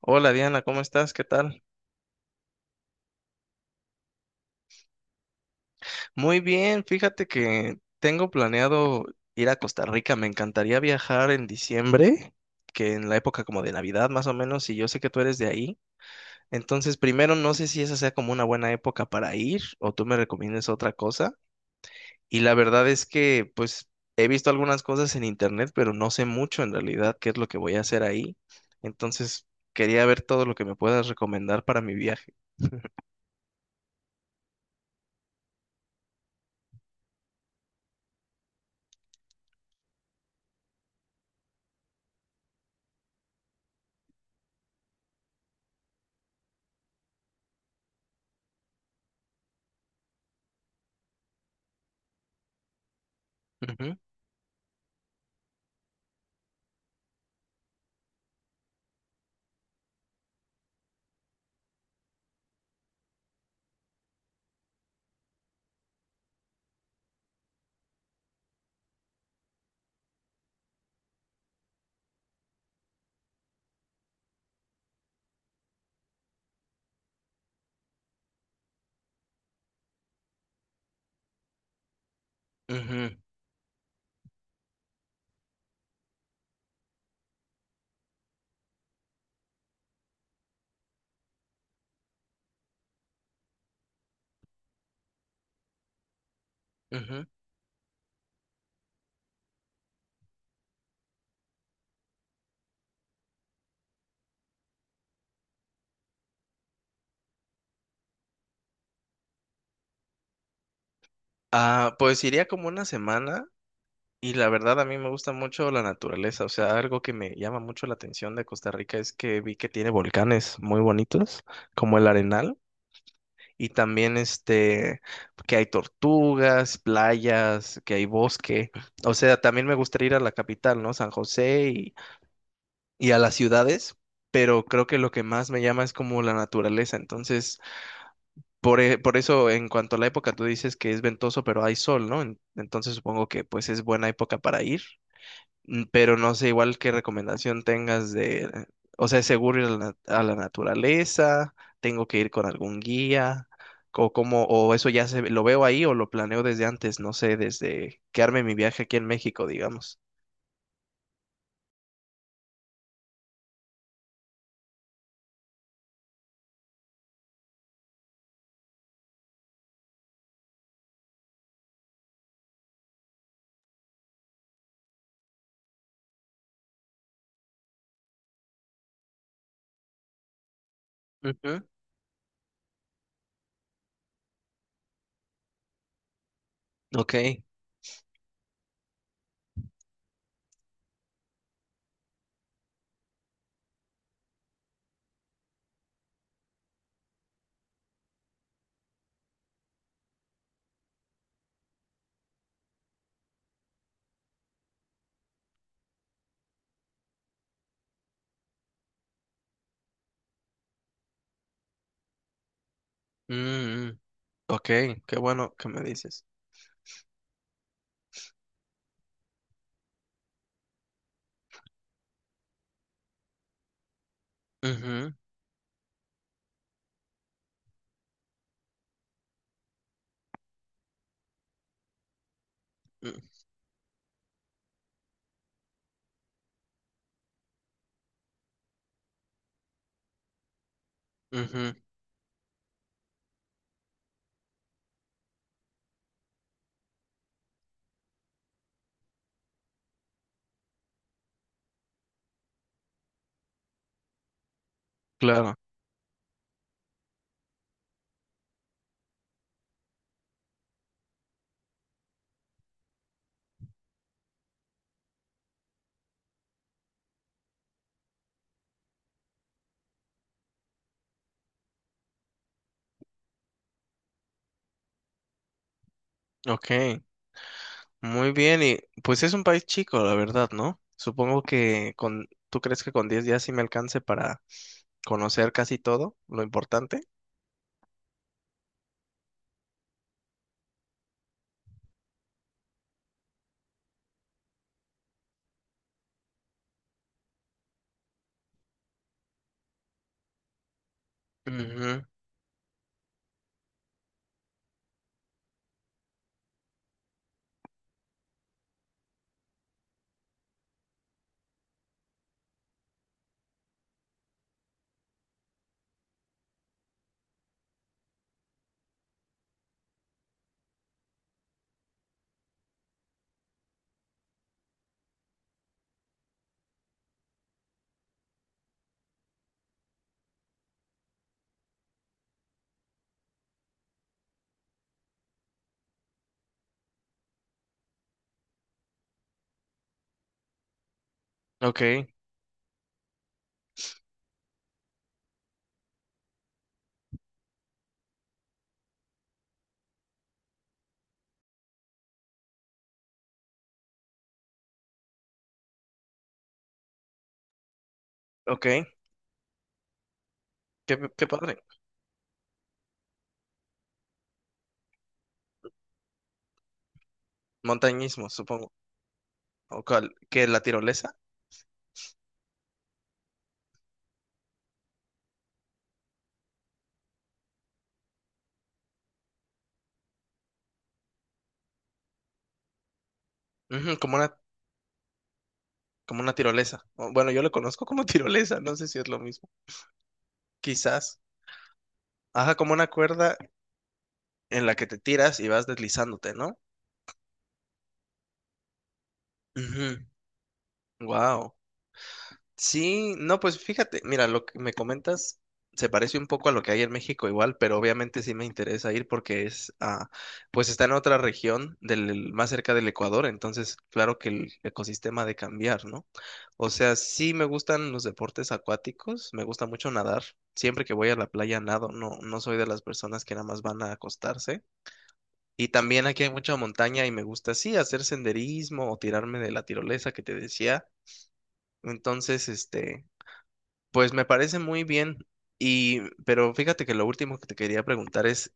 Hola Diana, ¿cómo estás? ¿Qué tal? Muy bien, fíjate que tengo planeado ir a Costa Rica. Me encantaría viajar en diciembre, que en la época como de Navidad más o menos, y yo sé que tú eres de ahí. Entonces, primero, no sé si esa sea como una buena época para ir o tú me recomiendes otra cosa. Y la verdad es que, pues, he visto algunas cosas en internet, pero no sé mucho en realidad qué es lo que voy a hacer ahí. Entonces, quería ver todo lo que me puedas recomendar para mi viaje. Ujú, ujú, ujú. Ah, pues iría como una semana y la verdad a mí me gusta mucho la naturaleza, o sea, algo que me llama mucho la atención de Costa Rica es que vi que tiene volcanes muy bonitos, como el Arenal, y también este, que hay tortugas, playas, que hay bosque, o sea, también me gustaría ir a la capital, ¿no? San José y a las ciudades, pero creo que lo que más me llama es como la naturaleza. Entonces, por eso, en cuanto a la época, tú dices que es ventoso, pero hay sol, ¿no? Entonces supongo que pues es buena época para ir. Pero no sé igual qué recomendación tengas de, o sea, ¿es seguro ir a la naturaleza? ¿Tengo que ir con algún guía? O cómo, o eso lo veo ahí o lo planeo desde antes, no sé, desde que arme mi viaje aquí en México, digamos. Ujú. Ok. Mm, mm. Ok, qué bueno que me dices. Ujú, ujú, claro. Ok, muy bien. Y pues es un país chico, la verdad, ¿no? Supongo que con, ¿tú crees que con 10 días sí me alcance para conocer casi todo lo importante? Ujú, Ok, ok. Qué, qué padre. Montañismo, supongo. O cual- ¿qué, la tirolesa? Ujú, como una tirolesa. O, bueno, yo lo conozco como tirolesa, no sé si es lo mismo. Quizás. Ajá, como una cuerda en la que te tiras y vas deslizándote, ¿no? Wow. Sí, no, pues fíjate, mira, lo que me comentas se parece un poco a lo que hay en México igual, pero obviamente sí me interesa ir porque es, pues está en otra región del, más cerca del Ecuador, entonces claro que el ecosistema ha de cambiar, ¿no? O sea, sí me gustan los deportes acuáticos, me gusta mucho nadar, siempre que voy a la playa nado, no, no soy de las personas que nada más van a acostarse. Y también aquí hay mucha montaña y me gusta, sí, hacer senderismo o tirarme de la tirolesa que te decía. Entonces, este, pues me parece muy bien. Y, pero fíjate que lo último que te quería preguntar es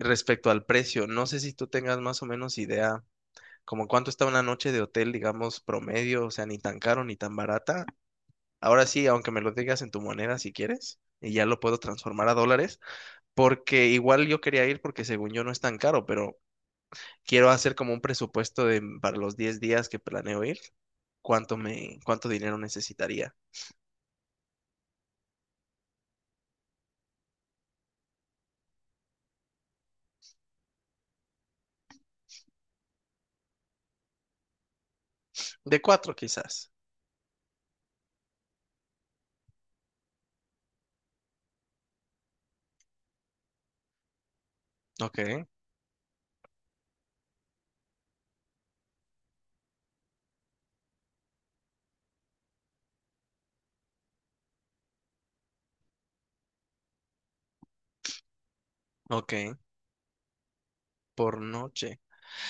respecto al precio. No sé si tú tengas más o menos idea como cuánto está una noche de hotel, digamos, promedio, o sea, ni tan caro ni tan barata. Ahora sí, aunque me lo digas en tu moneda si quieres, y ya lo puedo transformar a dólares, porque igual yo quería ir porque según yo no es tan caro, pero quiero hacer como un presupuesto de para los 10 días que planeo ir, cuánto dinero necesitaría. De cuatro quizás. Ok, ok, por noche.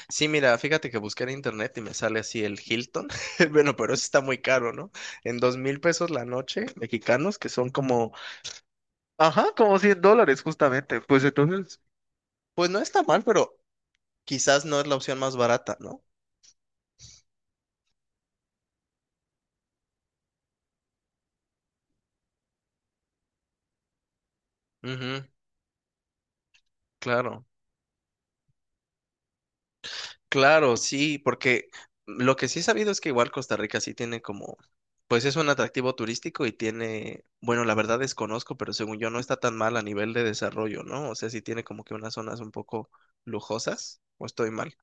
Sí, mira, fíjate que busqué en internet y me sale así el Hilton. Bueno, pero eso está muy caro, ¿no? En 2.000 pesos la noche, mexicanos, que son como, Ajá, como 100 dólares justamente. Pues entonces, pues no está mal, pero quizás no es la opción más barata, ¿no? Ujú, claro. Claro, sí, porque lo que sí he sabido es que igual Costa Rica sí tiene como, pues es un atractivo turístico y tiene, bueno, la verdad desconozco, pero según yo no está tan mal a nivel de desarrollo, ¿no? O sea, sí tiene como que unas zonas un poco lujosas, o estoy mal.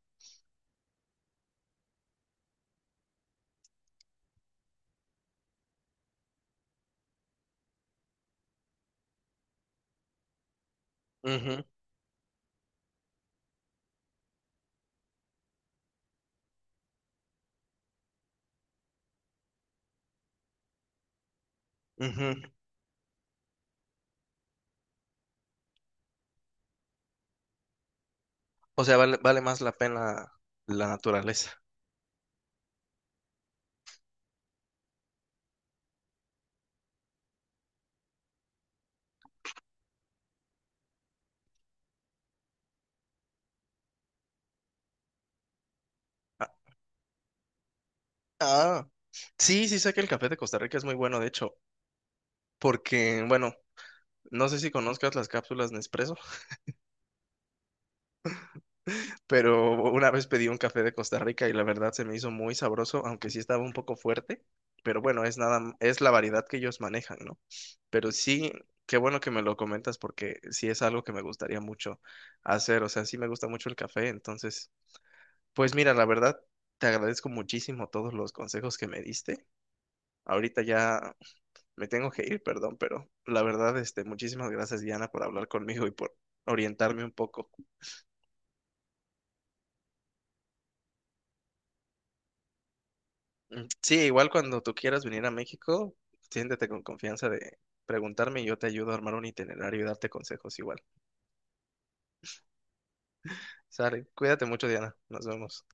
Ujú, ujú. O sea, vale, vale más la pena la naturaleza. Ah, ah. Sí, sí sé que el café de Costa Rica es muy bueno, de hecho, porque, bueno, no sé si conozcas las cápsulas Nespresso. Pero una vez pedí un café de Costa Rica y la verdad se me hizo muy sabroso, aunque sí estaba un poco fuerte, pero bueno, es nada, es la variedad que ellos manejan, ¿no? Pero sí, qué bueno que me lo comentas porque sí es algo que me gustaría mucho hacer, o sea, sí me gusta mucho el café, entonces, pues mira, la verdad, te agradezco muchísimo todos los consejos que me diste. Ahorita ya me tengo que ir, perdón, pero la verdad, este, muchísimas gracias, Diana, por hablar conmigo y por orientarme un poco. Mm, Sí, igual cuando tú quieras venir a México, siéntete con confianza de preguntarme y yo te ayudo a armar un itinerario y darte consejos igual. Sale, cuídate mucho, Diana. Nos vemos.